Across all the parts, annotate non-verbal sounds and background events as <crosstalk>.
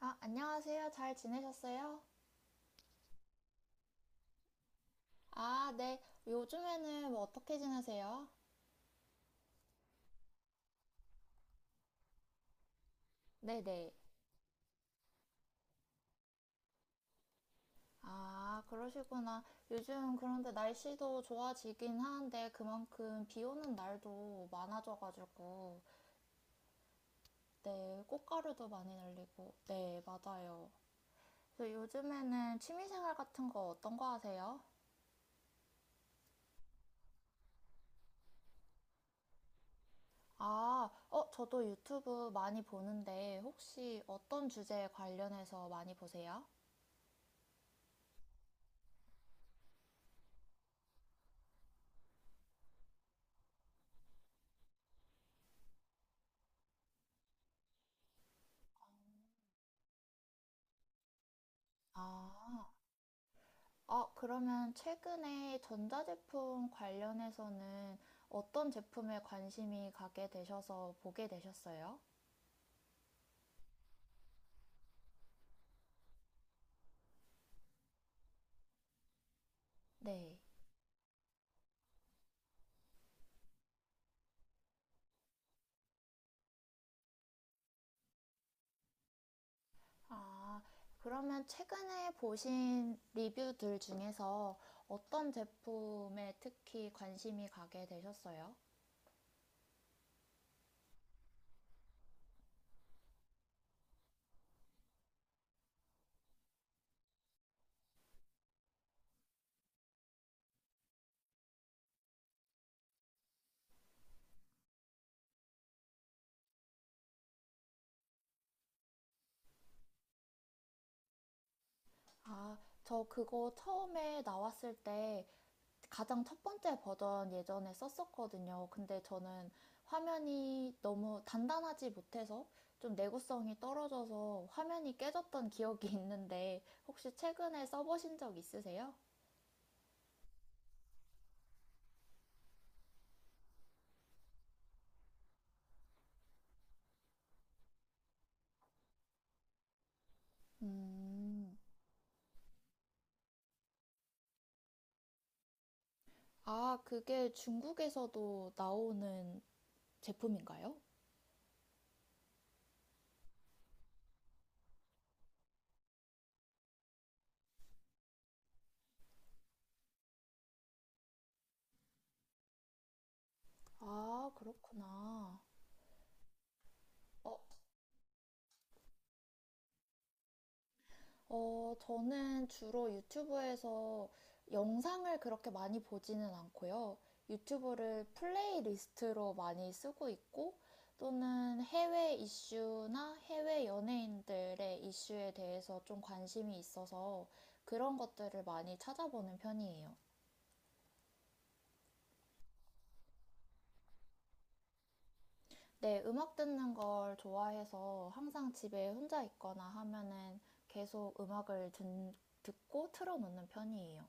아, 안녕하세요. 잘 지내셨어요? 아, 네. 요즘에는 뭐 어떻게 지내세요? 네네. 아, 그러시구나. 요즘 그런데 날씨도 좋아지긴 하는데 그만큼 비 오는 날도 많아져가지고, 네, 꽃가루도 많이 날리고, 네, 맞아요. 그래서 요즘에는 취미생활 같은 거 어떤 거 하세요? 아, 어, 저도 유튜브 많이 보는데 혹시 어떤 주제에 관련해서 많이 보세요? 아. 아, 그러면 최근에 전자제품 관련해서는 어떤 제품에 관심이 가게 되셔서 보게 되셨어요? 네. 아, 그러면 최근에 보신 리뷰들 중에서 어떤 제품에 특히 관심이 가게 되셨어요? 아, 저 그거 처음에 나왔을 때 가장 첫 번째 버전 예전에 썼었거든요. 근데 저는 화면이 너무 단단하지 못해서 좀 내구성이 떨어져서 화면이 깨졌던 기억이 <laughs> 있는데 혹시 최근에 써보신 적 있으세요? 음. 아, 그게 중국에서도 나오는 제품인가요? 아, 그렇구나. 어. 저는 주로 유튜브에서 영상을 그렇게 많이 보지는 않고요. 유튜브를 플레이리스트로 많이 쓰고 있고, 또는 해외 이슈나 해외 연예인들의 이슈에 대해서 좀 관심이 있어서 그런 것들을 많이 찾아보는 편이에요. 네, 음악 듣는 걸 좋아해서 항상 집에 혼자 있거나 하면은 계속 듣고 틀어놓는 편이에요.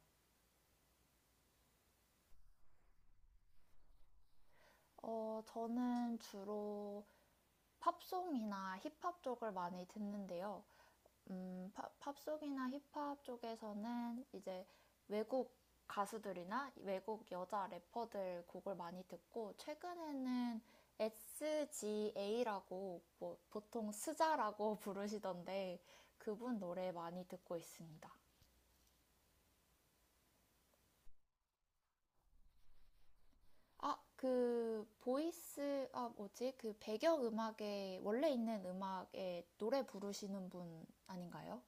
어, 저는 주로 팝송이나 힙합 쪽을 많이 듣는데요. 팝송이나 힙합 쪽에서는 이제 외국 가수들이나 외국 여자 래퍼들 곡을 많이 듣고 최근에는 SGA라고 뭐 보통 스자라고 <laughs> 부르시던데 그분 노래 많이 듣고 있습니다. 아, 그 보이스 아 뭐지? 그 배경 음악에 원래 있는 음악에 노래 부르시는 분 아닌가요?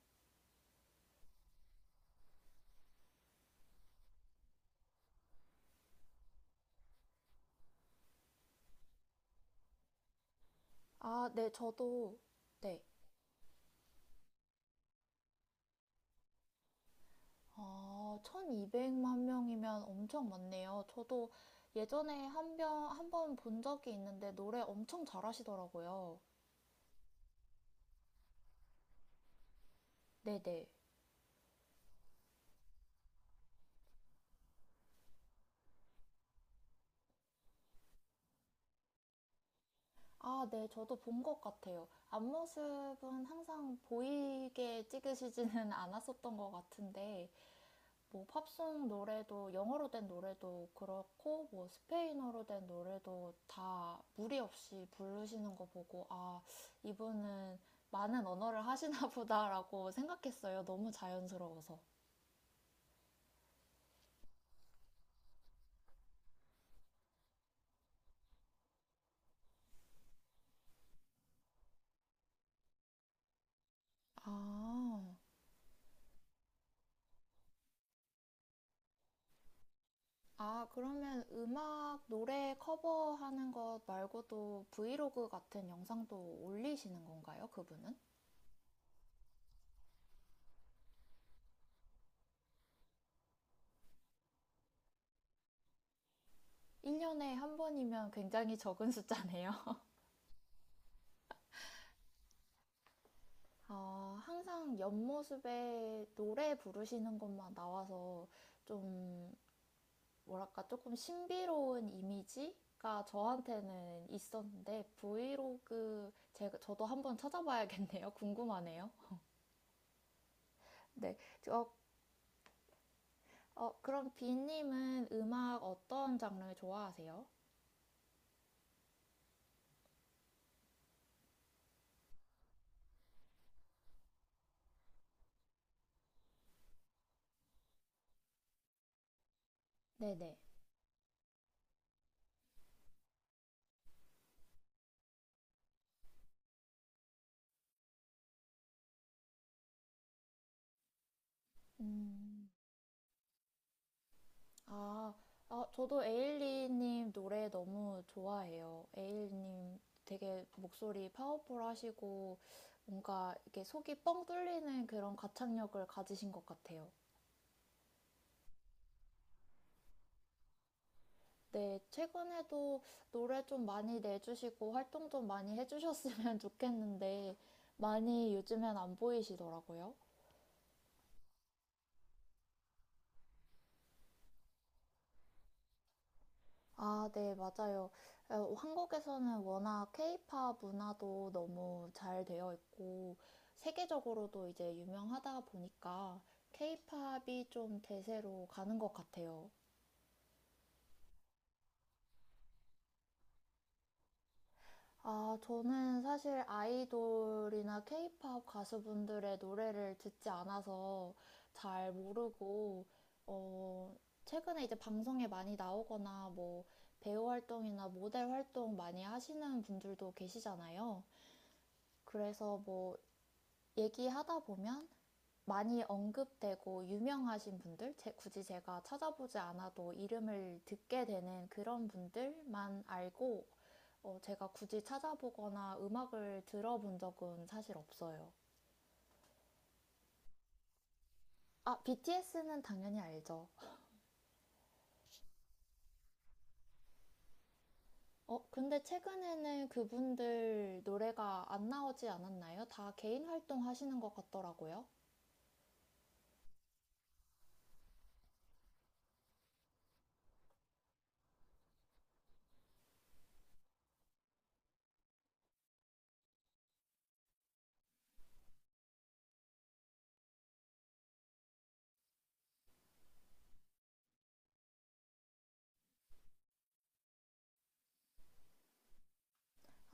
아, 네, 저도. 네. 아, 1200만 명이면 엄청 많네요. 저도 예전에 한번 본 적이 있는데 노래 엄청 잘하시더라고요. 네네. 아, 네, 저도 본 것 같아요. 앞모습은 항상 보이게 찍으시지는 <laughs> 않았었던 것 같은데, 뭐 팝송 노래도 영어로 된 노래도 그렇고 뭐 스페인어로 된 노래도 다 무리 없이 부르시는 거 보고 아 이분은 많은 언어를 하시나 <laughs> 보다라고 생각했어요. 너무 자연스러워서. 아, 아 그러면 음악 노래 커버하는 것 말고도 브이로그 같은 영상도 올리시는 건가요? 그분은? 1년에 한 번이면 굉장히 적은 <laughs> 숫자네요. 어, 항상 옆모습에 노래 부르시는 것만 나와서 좀, 뭐랄까, 조금 신비로운 이미지가 저한테는 있었는데, 브이로그, 저도 한번 찾아봐야겠네요. <laughs> 궁금하네요. 네. 어, 어, 그럼 비님은 음악 어떤 장르 좋아하세요? 네네. 음. 아, 아, 저도 에일리님 노래 너무 좋아해요. 에일리님 되게 목소리 파워풀하시고 뭔가 이렇게 속이 뻥 뚫리는 그런 가창력을 가지신 것 같아요. 네, 최근에도 노래 좀 많이 내주시고 활동 좀 많이 해주셨으면 <laughs> 좋겠는데 많이 요즘엔 안 보이시더라고요. 아, 네, 맞아요. 어, 한국에서는 워낙 케이팝 문화도 너무 잘 되어 있고, 세계적으로도 이제 유명하다 보니까 케이팝이 좀 대세로 가는 것 같아요. 아, 저는 사실 아이돌이나 케이팝 가수분들의 노래를 듣지 않아서 잘 모르고, 어, 최근에 이제 방송에 많이 나오거나 뭐 배우 활동이나 모델 활동 많이 하시는 분들도 계시잖아요. 그래서 뭐 얘기하다 보면 많이 언급되고 유명하신 분들, 굳이 제가 찾아보지 않아도 이름을 듣게 되는 그런 분들만 알고 어, 제가 굳이 찾아보거나 음악을 들어본 적은 사실 없어요. 아, BTS는 당연히 알죠. 어, 근데 최근에는 그분들 노래가 안 나오지 않았나요? 다 개인 활동 하시는 것 같더라고요.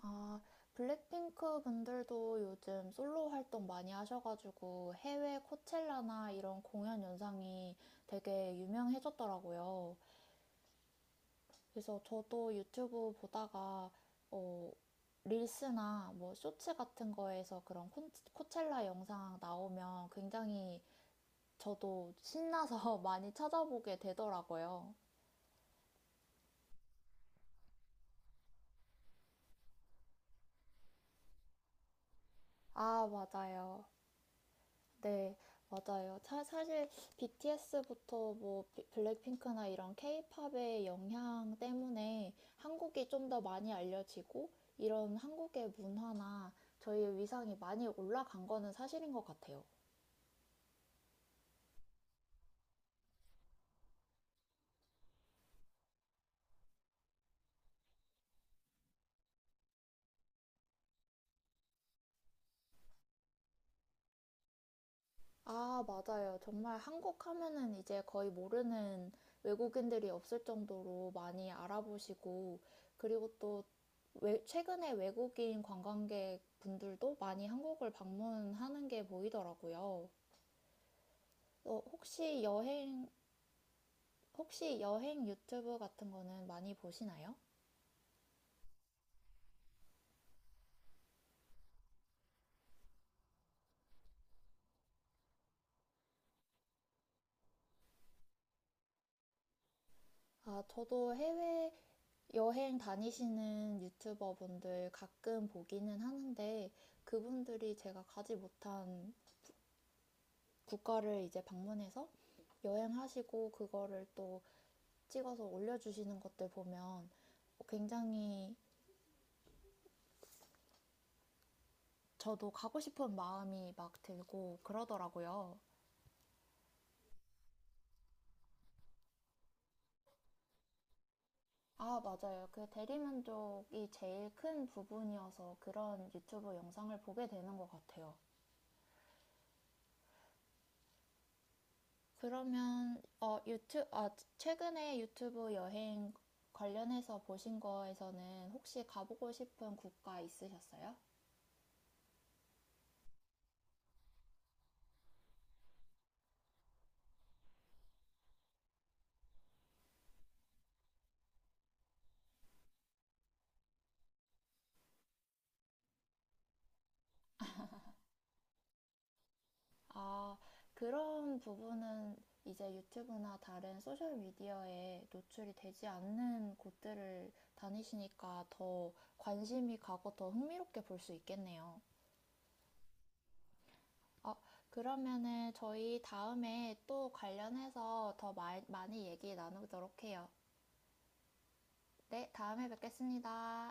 아, 블랙핑크 분들도 요즘 솔로 활동 많이 하셔가지고 해외 코첼라나 이런 공연 영상이 되게 유명해졌더라고요. 그래서 저도 유튜브 보다가 어, 릴스나 뭐 쇼츠 같은 거에서 그런 코첼라 영상 나오면 굉장히 저도 신나서 <laughs> 많이 찾아보게 되더라고요. 아, 맞아요. 네, 맞아요. 사실 BTS부터 뭐 블랙핑크나 이런 케이팝의 영향 때문에 한국이 좀 더 많이 알려지고 이런 한국의 문화나 저희의 위상이 많이 올라간 거는 사실인 것 같아요. 아, 맞아요. 정말 한국 하면은 이제 거의 모르는 외국인들이 없을 정도로 많이 알아보시고 그리고 또 최근에 외국인 관광객 분들도 많이 한국을 방문하는 게 보이더라고요. 어, 혹시 여행, 혹시 여행 유튜브 같은 거는 많이 보시나요? 아, 저도 해외 여행 다니시는 유튜버 분들 가끔 보기는 하는데 그분들이 제가 가지 못한 국가를 이제 방문해서 여행하시고 그거를 또 찍어서 올려주시는 것들 보면 굉장히 저도 가고 싶은 마음이 막 들고 그러더라고요. 아, 맞아요. 그 대리만족이 제일 큰 부분이어서 그런 유튜브 영상을 보게 되는 것 같아요. 그러면 최근에 유튜브 여행 관련해서 보신 거에서는 혹시 가보고 싶은 국가 있으셨어요? 아, 그런 부분은 이제 유튜브나 다른 소셜 미디어에 노출이 되지 않는 곳들을 다니시니까 더 관심이 가고 더 흥미롭게 볼 수 있겠네요. 어, 그러면은 저희 다음에 또 관련해서 더 많이 얘기 나누도록 해요. 네, 다음에 뵙겠습니다.